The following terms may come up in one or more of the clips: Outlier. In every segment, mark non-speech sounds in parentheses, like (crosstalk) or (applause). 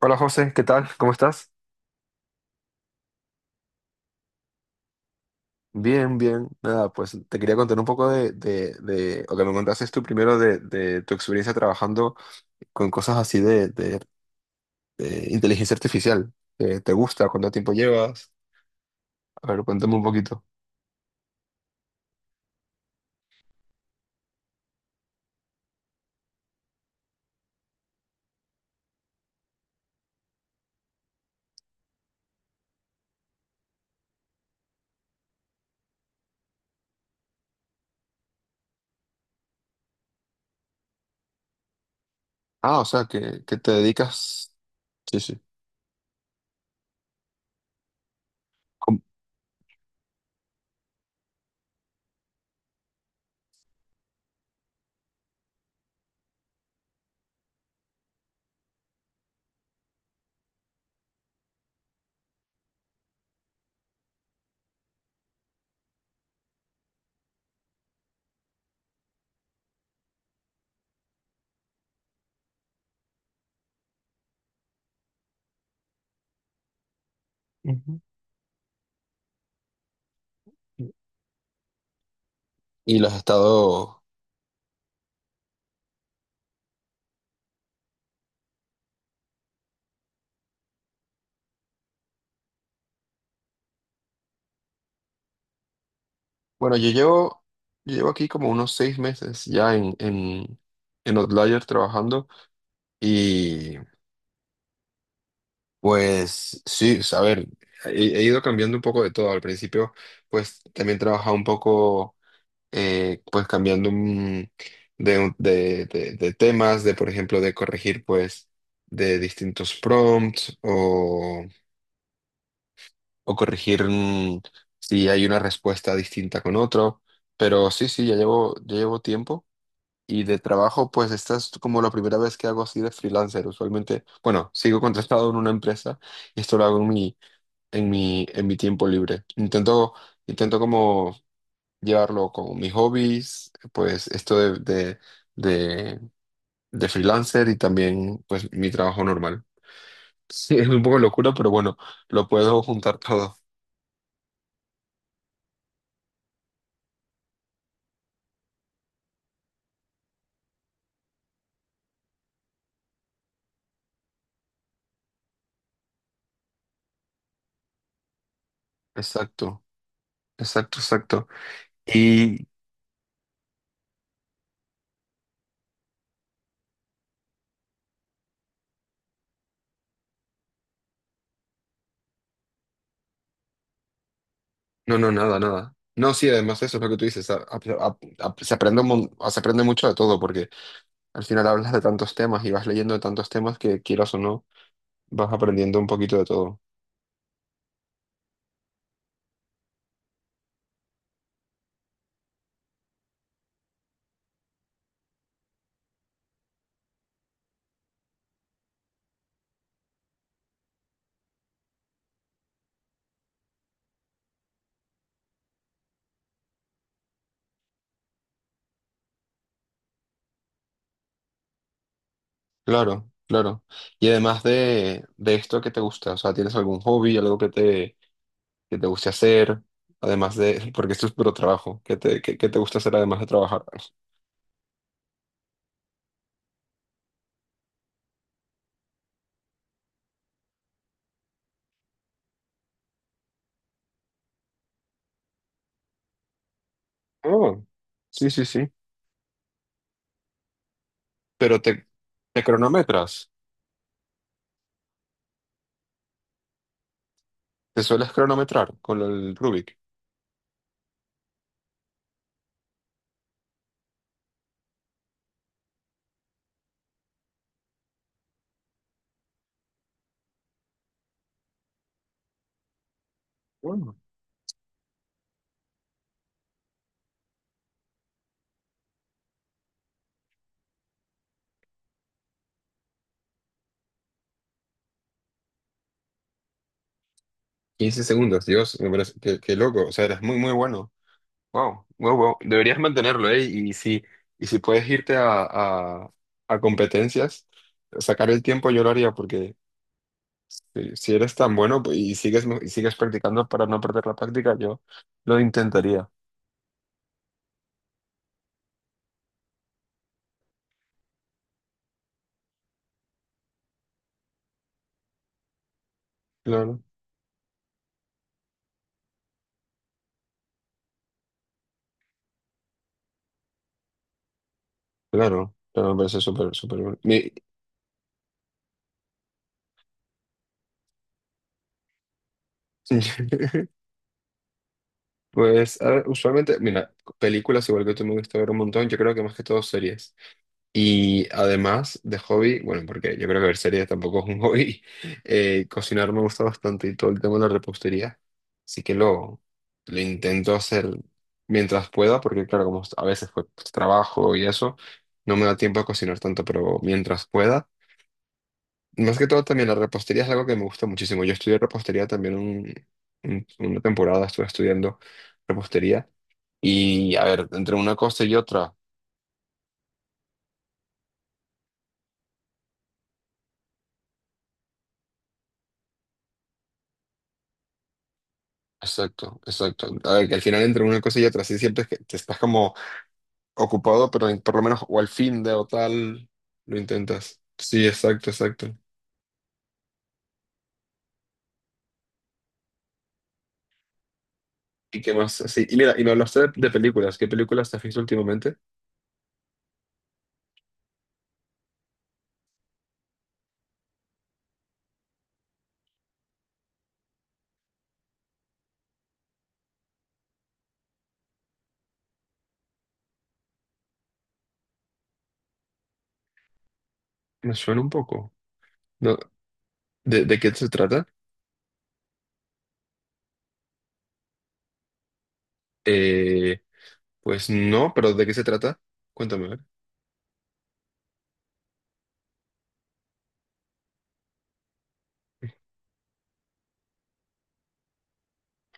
Hola José, ¿qué tal? ¿Cómo estás? Bien, bien. Nada, pues te quería contar un poco o que me contases tú primero de tu experiencia trabajando con cosas así de inteligencia artificial. ¿Te gusta? ¿Cuánto tiempo llevas? A ver, cuéntame un poquito. Ah, o sea, que, te dedicas. Sí, sí. Com- Ujú. Y los has estado. Bueno, yo llevo aquí como unos 6 meses ya en, en Outlier trabajando. Pues sí, pues, a ver, he, he ido cambiando un poco de todo. Al principio, pues también trabajaba un poco, pues cambiando de temas, de por ejemplo, de corregir pues de distintos prompts o corregir si hay una respuesta distinta con otro. Pero sí, sí, ya llevo tiempo. Y de trabajo, pues esta es como la primera vez que hago así de freelancer. Usualmente, bueno, sigo contratado en una empresa y esto lo hago en mi en mi tiempo libre. Intento como llevarlo con mis hobbies, pues esto de, de freelancer y también pues mi trabajo normal. (laughs) Sí, es un poco locura, pero bueno, lo puedo juntar todo. Exacto, exacto, exacto. Y no, no, nada, nada. No, sí, además eso es lo que tú dices, se aprende, se aprende mucho de todo, porque al final hablas de tantos temas y vas leyendo de tantos temas que quieras o no, vas aprendiendo un poquito de todo. Claro, claro. Y además de esto qué te gusta, o sea, ¿tienes algún hobby, algo que te guste hacer? Además de, porque esto es puro trabajo, ¿qué te gusta hacer además de trabajar? Oh, sí, sí, sí. Pero te cronometras, te sueles cronometrar con el Rubik. Bueno, 15 segundos, Dios, me parece, qué loco, o sea, eres muy, muy bueno. Wow, wow, wow. Deberías mantenerlo, ¿eh? Y si puedes irte a, a, a competencias, sacar el tiempo yo lo haría porque... Si eres tan bueno pues, y sigues practicando para no perder la práctica, yo lo intentaría. Claro, claro, pero me parece súper, súper bueno. (laughs) Pues a ver, usualmente, mira, películas igual que tú me gusta ver un montón, yo creo que más que todo series. Y además de hobby, bueno, porque yo creo que ver series tampoco es un hobby, (laughs) cocinar me gusta bastante y todo el tema de la repostería, así que lo intento hacer mientras pueda, porque claro, como a veces pues, trabajo y eso, no me da tiempo a cocinar tanto, pero mientras pueda. Más que todo también la repostería es algo que me gusta muchísimo. Yo estudié repostería también una temporada, estuve estudiando repostería y a ver, entre una cosa y otra. Exacto, exacto. A ver, que al final entre una cosa y otra, sí, siempre es que te estás como ocupado, pero por lo menos o al fin de o tal lo intentas. Sí, exacto, exacto. ¿Y qué más? Sí, y mira, y me hablaste de películas. ¿Qué películas te has visto últimamente? Me suena un poco. No, ¿de qué se trata? Eh, pues no, pero ¿de qué se trata? Cuéntame, a ver.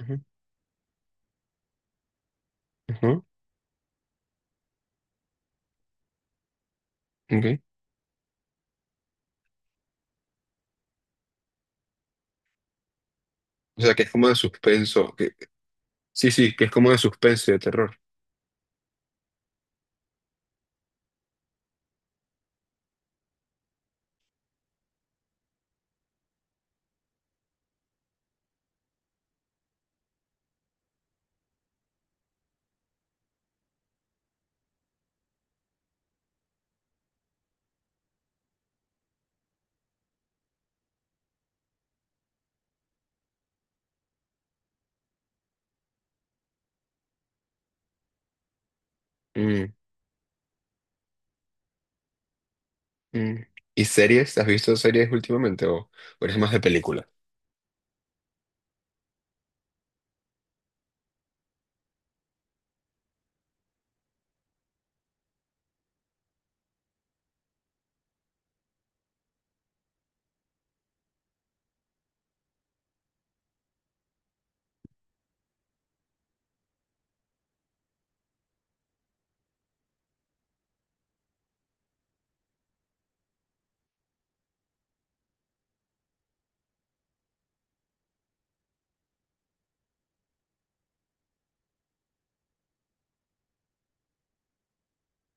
Ujú, ujú, ok. O sea, que es como de suspenso. Sí, sí, que es como de suspenso y de terror. Mm. Mm. ¿Y series? ¿Has visto series últimamente o eres más de película?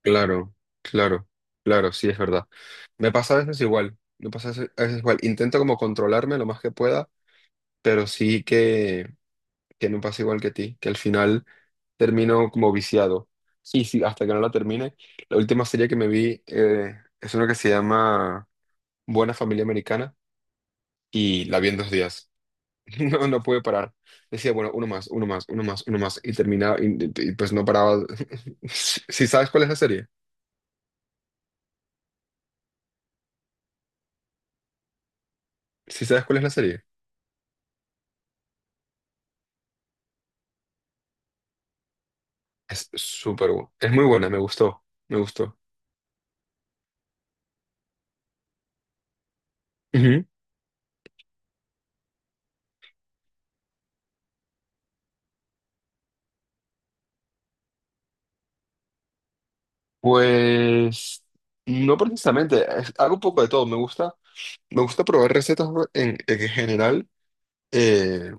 Claro, claro, claro, sí, es verdad. Me pasa a veces igual, me pasa a veces igual. Intento como controlarme lo más que pueda, pero sí que me pasa igual que a ti, que al final termino como viciado. Sí, sí, hasta que no la termine. La última serie que me vi es una que se llama Buena Familia Americana y la vi en 2 días. No, no pude parar. Decía, bueno, uno más, uno más, uno más, uno más. Y terminaba, y, pues no paraba. (laughs) Si sabes cuál es la serie, si sabes cuál es la serie, es súper buena. Es muy buena, me gustó, me gustó. Ujú. Pues no precisamente, hago un poco de todo. Me gusta probar recetas en general. Eh,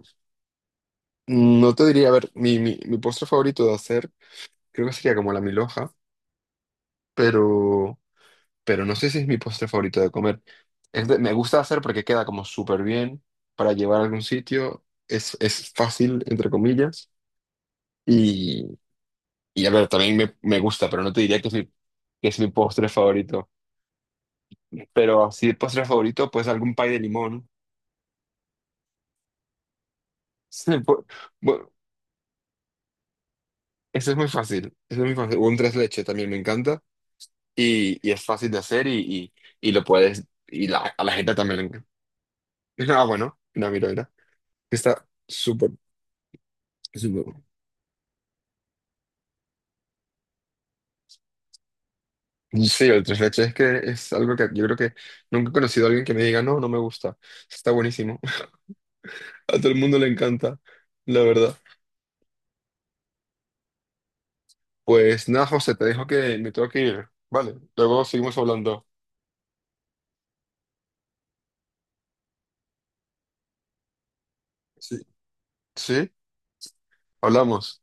no te diría, a ver, mi postre favorito de hacer, creo que sería como la milhoja, pero. pero no sé si es mi postre favorito de comer. Me gusta hacer porque queda como súper bien para llevar a algún sitio. Es fácil, entre comillas. Y, y a ver, también me gusta, pero no te diría que es mi, postre favorito. Pero así, postre favorito, pues algún pay de limón. (laughs) Sí, bu- eso es muy fácil. Eso es muy fácil. Un tres leche también me encanta. Y es fácil de hacer y lo puedes. Y a la gente también le encanta. (laughs) Ah, bueno, una mira, mira. Está súper, súper. Sí, el tres leches es que es algo que yo creo que nunca he conocido a alguien que me diga, no, no me gusta. Está buenísimo. (laughs) A todo el mundo le encanta, la verdad. Pues nada, José, te dejo que me tengo que ir. Vale, luego seguimos hablando. Sí. ¿Sí? Hablamos.